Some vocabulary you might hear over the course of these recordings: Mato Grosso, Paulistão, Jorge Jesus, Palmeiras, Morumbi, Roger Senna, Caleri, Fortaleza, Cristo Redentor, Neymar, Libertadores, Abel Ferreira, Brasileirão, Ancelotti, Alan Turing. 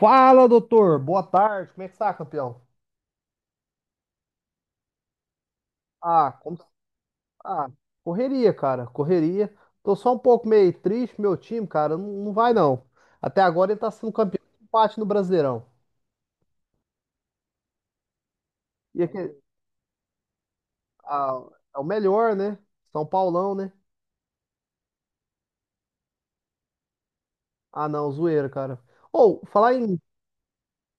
Fala, doutor. Boa tarde. Como é que tá, campeão? Ah, como... ah, correria, cara. Correria. Tô só um pouco meio triste, meu time, cara. Não, não vai, não. Até agora ele tá sendo campeão de empate no Brasileirão. E aqui, ah, é o melhor, né? São Paulão, né? Ah, não, zoeira, cara. Falar em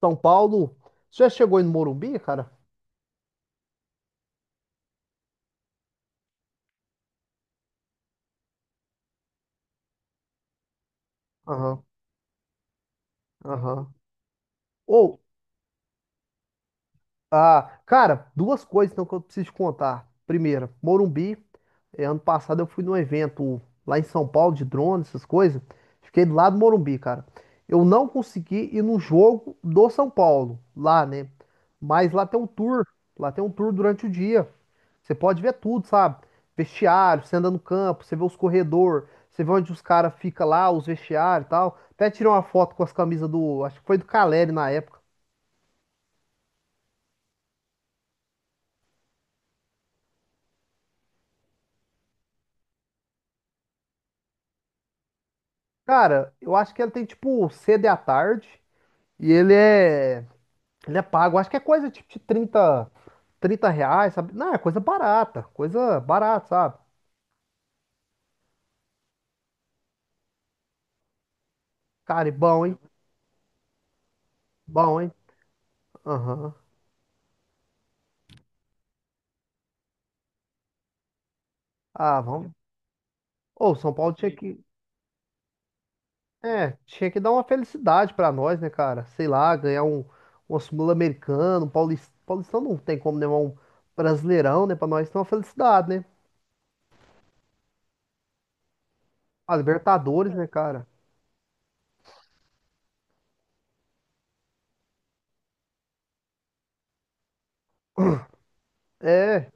São Paulo, você já chegou aí no Morumbi, cara? Aham, aham. Ou, Ah, cara, duas coisas então que eu preciso te contar. Primeira, Morumbi. Ano passado eu fui num evento lá em São Paulo de drone, essas coisas. Fiquei do lado do Morumbi, cara. Eu não consegui ir no jogo do São Paulo, lá, né? Mas lá tem um tour. Lá tem um tour durante o dia. Você pode ver tudo, sabe? Vestiário, você anda no campo, você vê os corredores, você vê onde os caras ficam lá, os vestiários e tal. Até tirei uma foto com as camisas do. Acho que foi do Caleri na época. Cara, eu acho que ele tem tipo sede à tarde e ele é pago. Acho que é coisa tipo de trinta reais, sabe? Não, é coisa barata, sabe? Cara, e bom, hein? Bom, hein? Aham. Ah, vamos. Ô, São Paulo tinha que. É, tinha que dar uma felicidade pra nós, né, cara? Sei lá, ganhar um, um Sul-Americano, um Paulist... Paulistão não tem como, né? Mas um Brasileirão, né? Pra nós ter uma felicidade, né? A Libertadores, né, cara? É.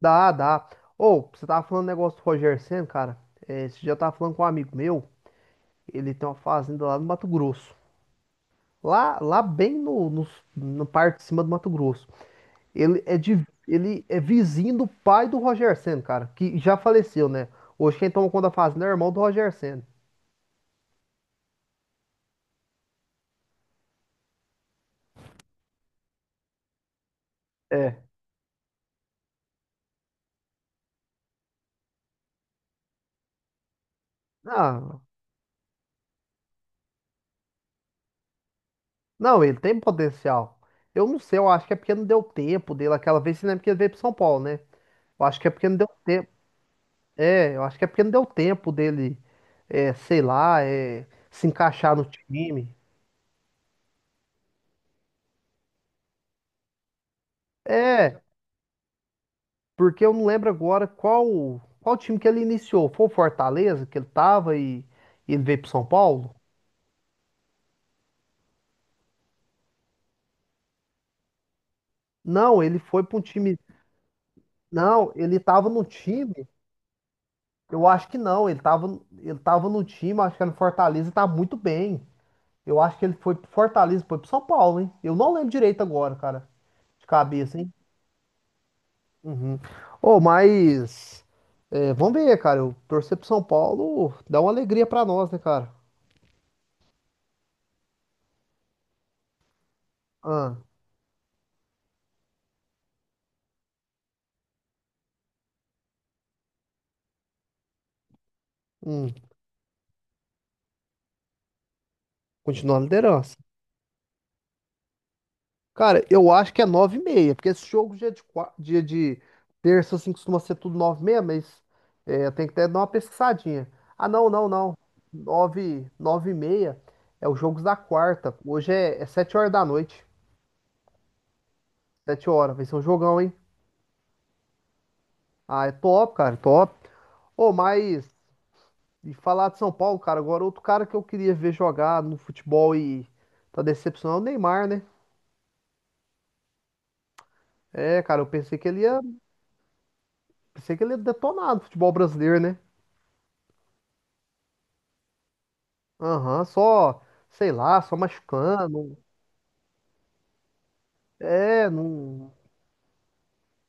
Dá, dá. Ou, você tava falando do negócio do Roger Senna, cara. É, esse dia eu tava falando com um amigo meu. Ele tem uma fazenda lá no Mato Grosso. Lá, lá bem no parte de cima do Mato Grosso. Ele é, de, ele é vizinho do pai do Roger Senna, cara. Que já faleceu, né? Hoje quem toma conta da fazenda é o irmão do Roger Senna. É. Não, não, ele tem potencial. Eu não sei, eu acho que é porque não deu tempo dele aquela vez, você lembra que ele veio pro São Paulo, né? Eu acho que é porque não deu tempo. É, eu acho que é porque não deu tempo dele é, sei lá, é, se encaixar no time. É, porque eu não lembro agora qual time que ele iniciou. Foi o Fortaleza que ele tava e ele veio pro São Paulo? Não, ele foi para um time. Não, ele tava no time. Eu acho que não, ele tava no time, acho que era no Fortaleza e tá muito bem. Eu acho que ele foi pro Fortaleza, e foi pro São Paulo, hein? Eu não lembro direito agora, cara, de cabeça, hein? Uhum. Ô, mas é, vamos ver, cara. Eu torcer pro São Paulo dá uma alegria pra nós, né, cara? Ah, hum, continua a liderança. Cara, eu acho que é nove e meia, porque esse jogo dia de, qua- dia de terça, assim, costuma ser tudo nove e meia, mas é, tem que até dar uma pesquisadinha. Ah, não, não, não. Nove, nove e meia é os jogos da quarta. Hoje é, é 7 horas da noite. 7 horas, vai ser um jogão, hein? Ah, é top, cara, top. Ô, mas. E falar de São Paulo, cara, agora outro cara que eu queria ver jogar no futebol e tá decepcionado, é o Neymar, né? É, cara, eu pensei que ele ia, pensei que ele ia detonar no futebol brasileiro, né? Aham, só, sei lá, só machucando. É, não,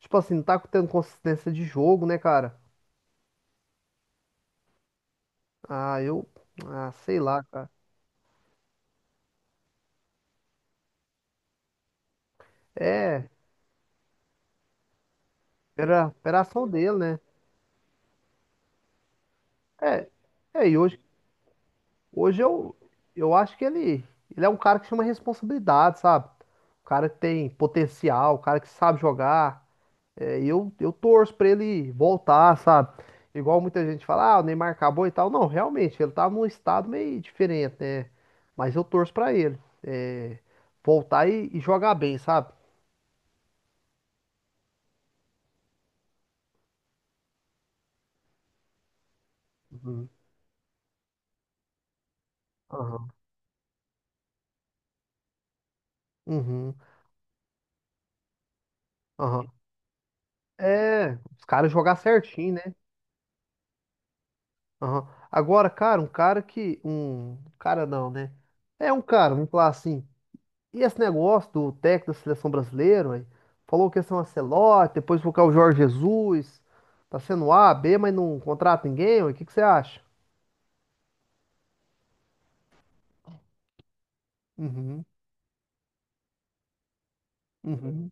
tipo assim, não tá tendo consistência de jogo, né, cara? Ah, eu, Sei lá, cara. É, era a operação dele, né? É, é, e hoje Hoje eu, eu acho que ele é um cara que chama responsabilidade, sabe? O cara que tem potencial, o cara que sabe jogar. É, e eu torço pra ele voltar, sabe? Igual muita gente fala, ah, o Neymar acabou e tal. Não, realmente, ele tá num estado meio diferente, né? Mas eu torço pra ele é, voltar e jogar bem, sabe? Uhum, aham, uhum, aham. É, os caras jogar certinho, né? Aham. Agora, cara, um cara que. Um cara não, né? É um cara, vamos falar assim. E esse negócio do técnico da seleção brasileira, ué, falou que ia ser um Ancelotti, depois colocar o Jorge Jesus. Tá sendo A, B, mas não contrata ninguém, ué. O que que você acha? Uhum, uhum.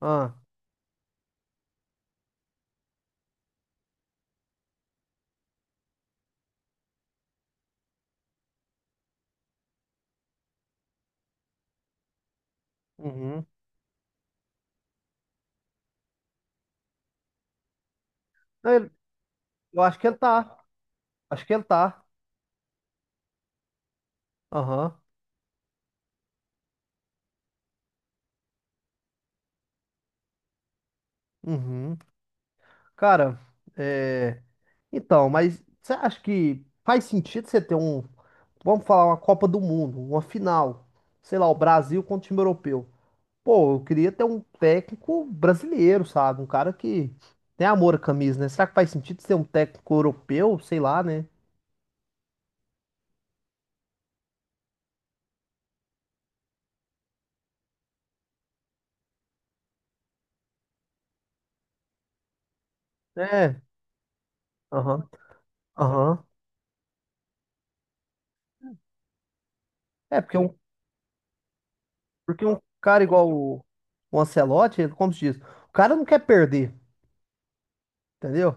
Ah, uhum. Não, ele- eu acho que ele tá. Acho que ele tá. Aham. Uhum. Cara, é. Então, mas você acha que faz sentido você ter um. Vamos falar uma Copa do Mundo, uma final. Sei lá, o Brasil contra o time europeu. Pô, eu queria ter um técnico brasileiro, sabe? Um cara que tem amor à camisa, né? Será que faz sentido ser um técnico europeu? Sei lá, né? É, aham, aham. É, porque um, Porque um cara igual o Ancelotti, ele, como se diz, o cara não quer perder, entendeu?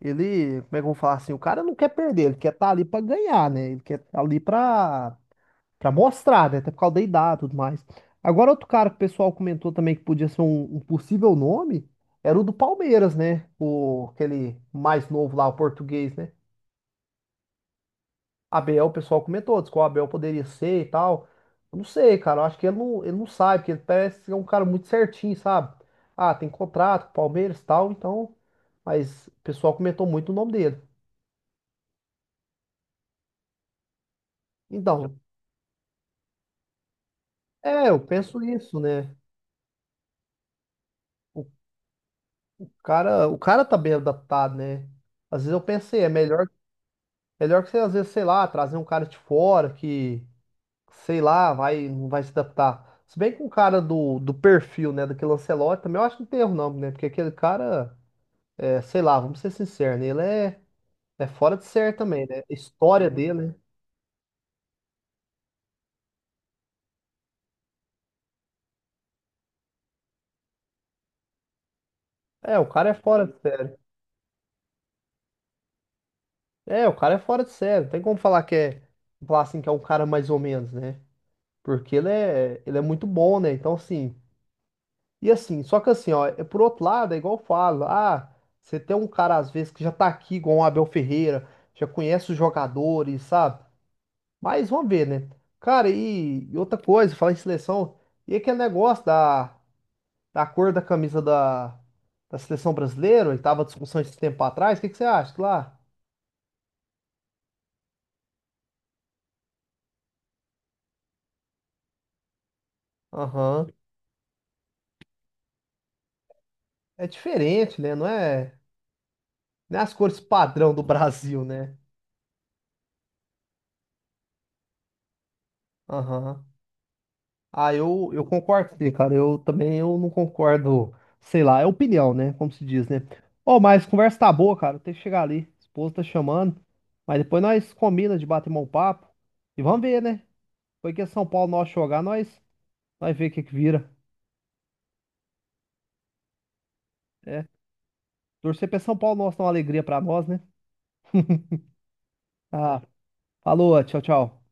Ele, como é que eu vou falar assim? O cara não quer perder, ele quer estar ali pra ganhar, né? Ele quer estar ali pra pra mostrar, né? Até por causa da idade e tudo mais. Agora, outro cara que o pessoal comentou também que podia ser um, um possível nome era o do Palmeiras, né? O, aquele mais novo lá, o português, né? Abel, o pessoal comentou, disse que o Abel poderia ser e tal. Eu não sei, cara. Eu acho que ele não sabe, porque ele parece ser um cara muito certinho, sabe? Ah, tem contrato com o Palmeiras e tal, então. Mas o pessoal comentou muito o nome dele. Então, é, eu penso isso, né? O o cara tá bem adaptado, né? Às vezes eu pensei, é melhor melhor que você, às vezes, sei lá, trazer um cara de fora que, sei lá, vai, não vai se adaptar. Se bem que um cara do, do perfil, né, daquele Ancelotti, também eu acho que não tem erro não, né? Porque aquele cara, é, sei lá, vamos ser sinceros, né? Ele é, é fora de série também, né? A história dele, né? É, o cara é fora de série. É, o cara é fora de série. Não tem como falar que é, falar assim, que é um cara mais ou menos, né? Porque ele é muito bom, né? Então, assim, e assim, só que assim, ó, é por outro lado, é igual eu falo, ah, você tem um cara às vezes que já tá aqui, igual o Abel Ferreira, já conhece os jogadores, sabe? Mas vamos ver, né? Cara, e outra coisa, falar em seleção, e aquele negócio da, da cor da camisa da, da seleção brasileira, e tava discussão esse tempo atrás, o que que você acha que lá? Aham. É diferente, né? Não é, não é as cores padrão do Brasil, né? Aham. Eu concordo, sim, cara. Eu também eu não concordo, sei lá, é opinião, né? Como se diz, né? Ô, mas conversa tá boa, cara. Tem que chegar ali. Esposa tá chamando. Mas depois nós combina de bater mão papo. E vamos ver, né? Foi que é São Paulo nós jogar, nós ver o que que vira. É. Torcer pra São Paulo nosso dar uma alegria pra nós, né? Ah, falou, tchau, tchau.